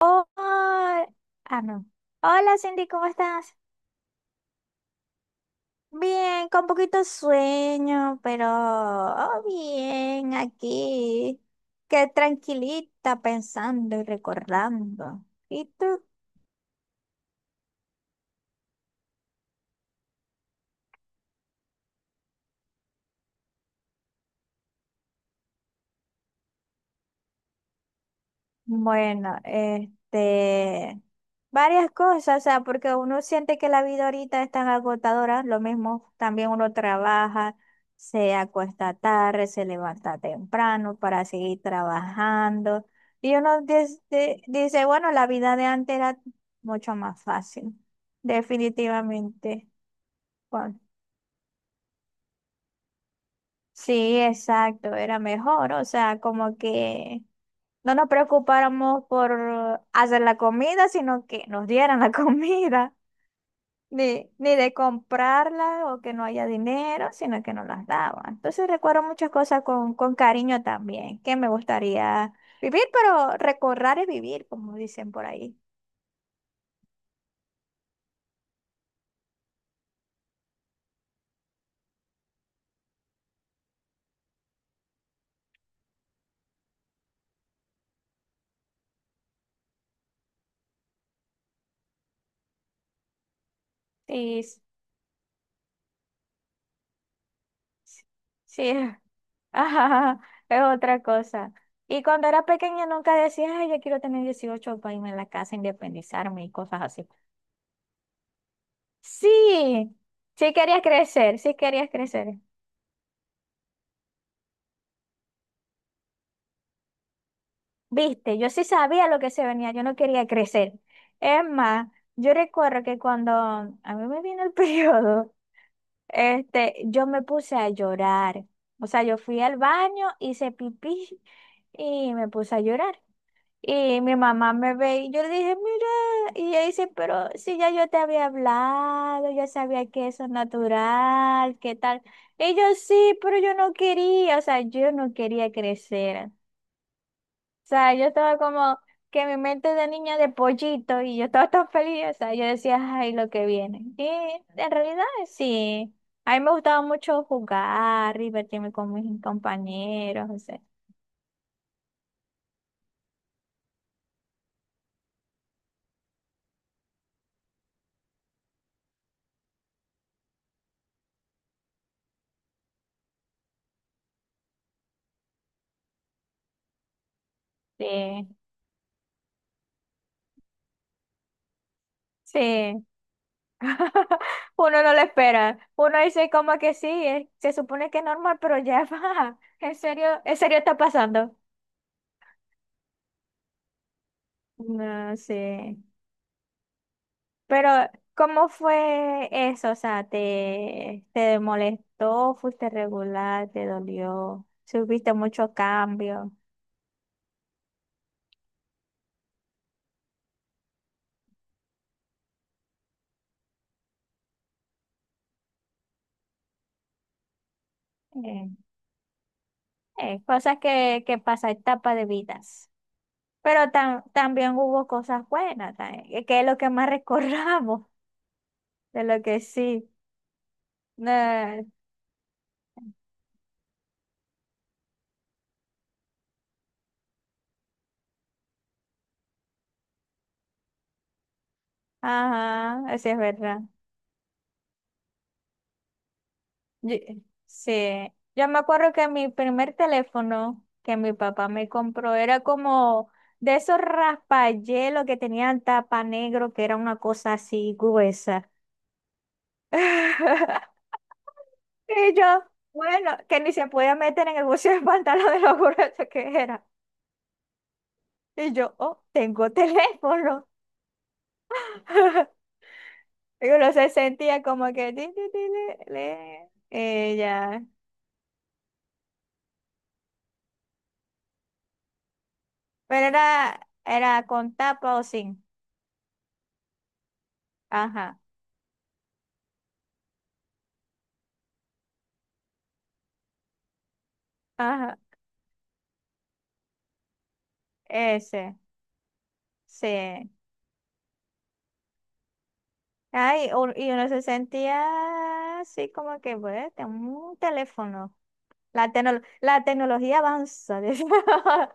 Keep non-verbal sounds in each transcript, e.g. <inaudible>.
Oh, ah, ah, no. Hola Cindy, ¿cómo estás? Bien, con poquito sueño, pero oh, bien, aquí. Qué tranquilita pensando y recordando. ¿Y tú? Bueno, este, varias cosas, o sea, porque uno siente que la vida ahorita es tan agotadora, lo mismo también uno trabaja, se acuesta tarde, se levanta temprano para seguir trabajando, y uno dice, bueno, la vida de antes era mucho más fácil, definitivamente. Bueno, sí, exacto, era mejor, o sea, como que no nos preocupáramos por hacer la comida, sino que nos dieran la <laughs> comida, ni de comprarla o que no haya dinero, sino que nos las daban. Entonces recuerdo muchas cosas con cariño también, que me gustaría vivir, pero recordar es vivir, como dicen por ahí. Sí, s- sí, <laughs> ajá, es otra cosa. Y cuando era pequeña nunca decía, ay, yo quiero tener 18 para irme a la casa, independizarme y cosas así. Sí, sí quería crecer, sí querías crecer. Viste, yo sí sabía lo que se venía, yo no quería crecer. Es más, yo recuerdo que cuando a mí me vino el <laughs> periodo, este, yo me puse a llorar. O sea, yo fui al baño, hice pipí y me puse a llorar. Y mi mamá me ve y yo le dije, mira, y ella dice, pero si ya yo te había hablado, yo sabía que eso es natural, ¿qué tal? Y yo sí, pero yo no quería, o sea, yo no quería crecer. O sea, yo estaba como que mi mente de niña de pollito y yo estaba tan feliz, o sea, yo decía, ay, lo que viene. Y en realidad sí, a mí me gustaba mucho jugar, divertirme con mis compañeros, o sea, sí, sí. <laughs> Uno no lo espera. Uno dice como que sí, se supone que es normal, pero ya <laughs> va. En serio está pasando. No sé. Pero, ¿cómo fue eso? O sea, ¿te, te molestó? ¿Fuiste regular? ¿Te dolió? ¿Subiste mucho cambio? Eh, cosas que, pasa, etapa de vidas. Pero también hubo cosas buenas, también, que es lo que más <laughs> recordamos de lo que sí. No, ajá, así es verdad. Yo- sí, yo me acuerdo que mi primer teléfono que mi papá me compró era como de esos raspayelos que tenían tapa negro, que era una cosa así gruesa. <laughs> Y yo, bueno, que ni se podía meter en el bolsillo del pantalón de lo grueso que era. Y yo, oh, tengo teléfono. <laughs> Y uno se sentía como que ti, ti, ti, le, ya. Pero era, era con tapa o sin. Ajá, ajá, ese, sí. Ay, y uno se sentía así como que, bueno, tengo un teléfono. La tecnología avanza. <laughs> decía.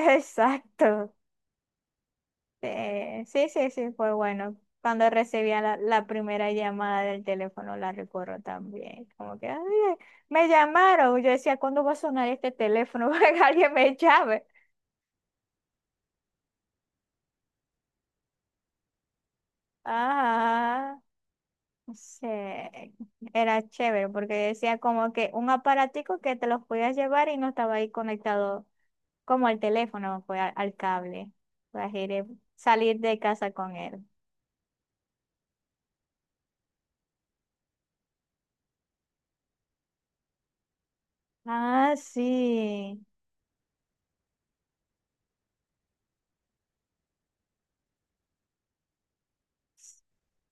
Exacto. Sí, sí, sí, fue bueno. Cuando recibía la primera llamada del teléfono, la recuerdo también. Como que, "Ay, me llamaron. Yo decía, ¿cuándo va a sonar este teléfono <laughs> para que alguien me llame? Ajá. Sí, era chévere porque decía como que un aparatico que te los podías llevar y no estaba ahí conectado como al teléfono, fue al cable, para ir- salir de casa con él. Ah, sí.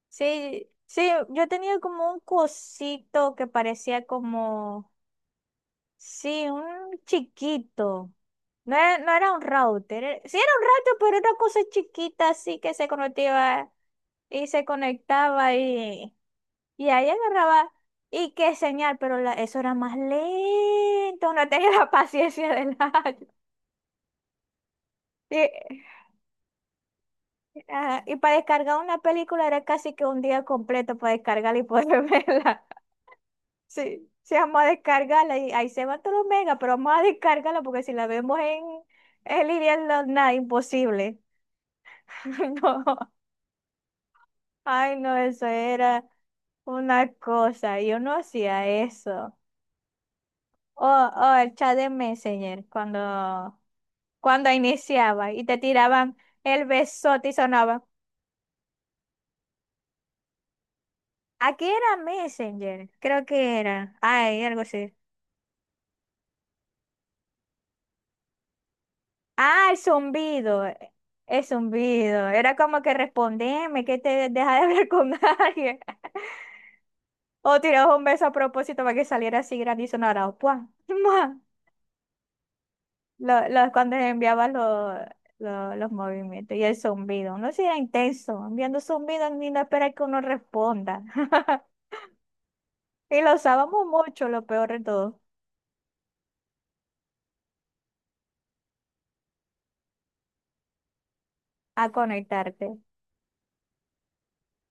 Sí, sí, yo tenía como un cosito que parecía como, sí, un chiquito. No era, no era un router, sí era un router, pero era una cosa chiquita así que se conectaba y se conectaba. Y ahí agarraba, y qué señal, pero la- eso era más lento, no tenía <laughs> la paciencia del año. Y, ah, y para descargar una película era casi que un día completo para descargarla y poder <laughs> verla. Sí, sí, vamos a descargarla y ahí se van todos los megas, pero vamos a descargarla porque si la vemos en línea, no, nada, imposible. <laughs> No, ay, no, eso era una cosa, yo no hacía eso. O el chat de Messenger, cuando iniciaba y te tiraban el besote y sonaba. Aquí era Messenger, creo que era. Ay, algo así. Ah, el zumbido. El zumbido. Era como que respondeme, que te deja de <laughs> hablar con alguien. <laughs> O tirabas un beso a propósito para que saliera así grande y sonara. ¡Pua! ¡Mua! Cuando enviabas los, los movimientos y el zumbido. No sea intenso. Enviando zumbido ni no esperar que uno responda. <laughs> Y lo usábamos mucho, lo peor de todo. A conectarte.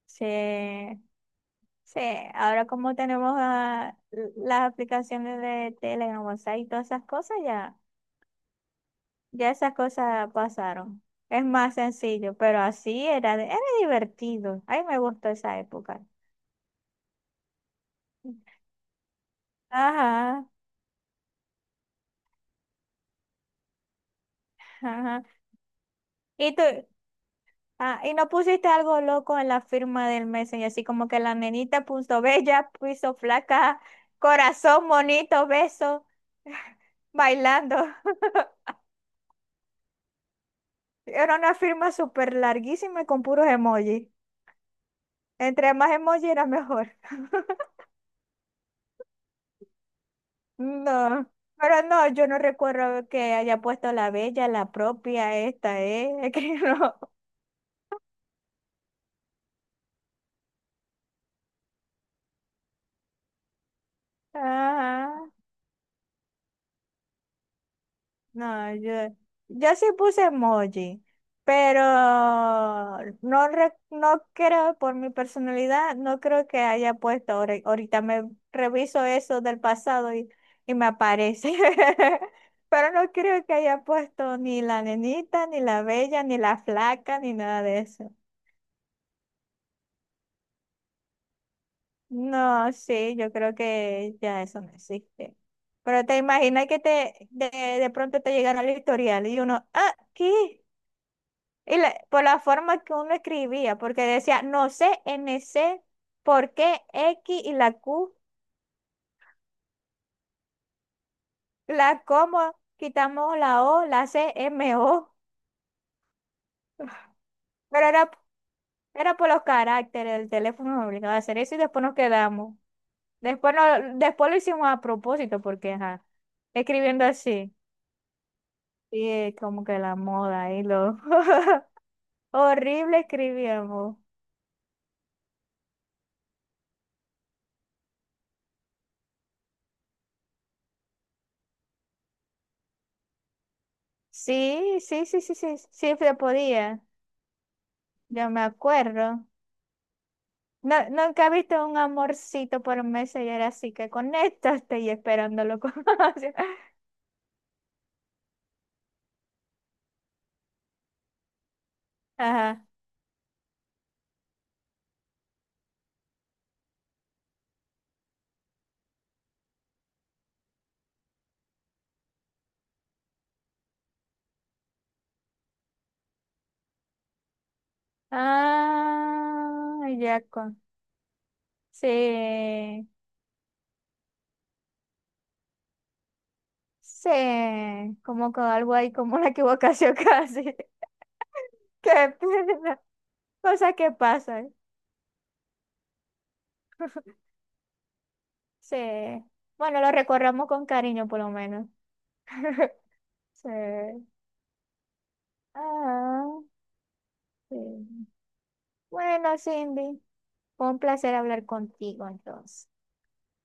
Sí, sí. Ahora como tenemos ah, las aplicaciones de Telegram, WhatsApp y todas esas cosas, ya, ya esas cosas pasaron. Es más sencillo, pero así era, era divertido. A mí me gustó esa época. Ajá, ajá. Y tú, ah, y no pusiste algo loco en la firma del Messenger, así como que la nenita puso bella, puso flaca, corazón, monito, beso, <laughs> bailando. Era una firma súper larguísima y con puros emojis. Entre más emojis era mejor. <laughs> No, pero no, yo no recuerdo que haya puesto la bella, la propia, esta, ¿eh? <laughs> que no. Ajá. No, yo sí puse emoji, pero no, no creo, por mi personalidad, no creo que haya puesto. Ahorita me reviso eso del pasado y me aparece. <laughs> Pero no creo que haya puesto ni la nenita, ni la bella, ni la flaca, ni nada de eso. No, sí, yo creo que ya eso no existe. Pero te imaginas que te de, pronto te llegara el historial y uno, ah, ¿qué? Y por la forma que uno escribía, porque decía, no sé, n c ¿por qué X y la Q, la coma, quitamos la O, la C, M, O? <laughs> Pero era, era por los caracteres, el teléfono nos obligaba a hacer eso y después nos quedamos. Después, no, después lo hicimos a propósito, porque ajá, escribiendo así. Y es como que la moda y lo <laughs> horrible escribíamos. Sí, sí, sí, sí, sí, sí se podía. Yo me acuerdo. No, nunca he visto un amorcito por Messenger, así que conéctate y esperándolo con <laughs> ansia. Ajá. Ah, ya con. Sí, sí, como con algo ahí, como una equivocación <laughs> casi. Qué pena. Cosas que pasan. Sí. Bueno, lo recordamos con cariño, por lo menos. <laughs> Sí. Ah, sí. Bueno, Cindy, fue un placer hablar contigo entonces.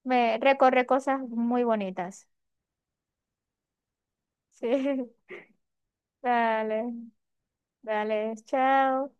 Me recorre cosas muy bonitas. Sí, <laughs> dale, dale, chao.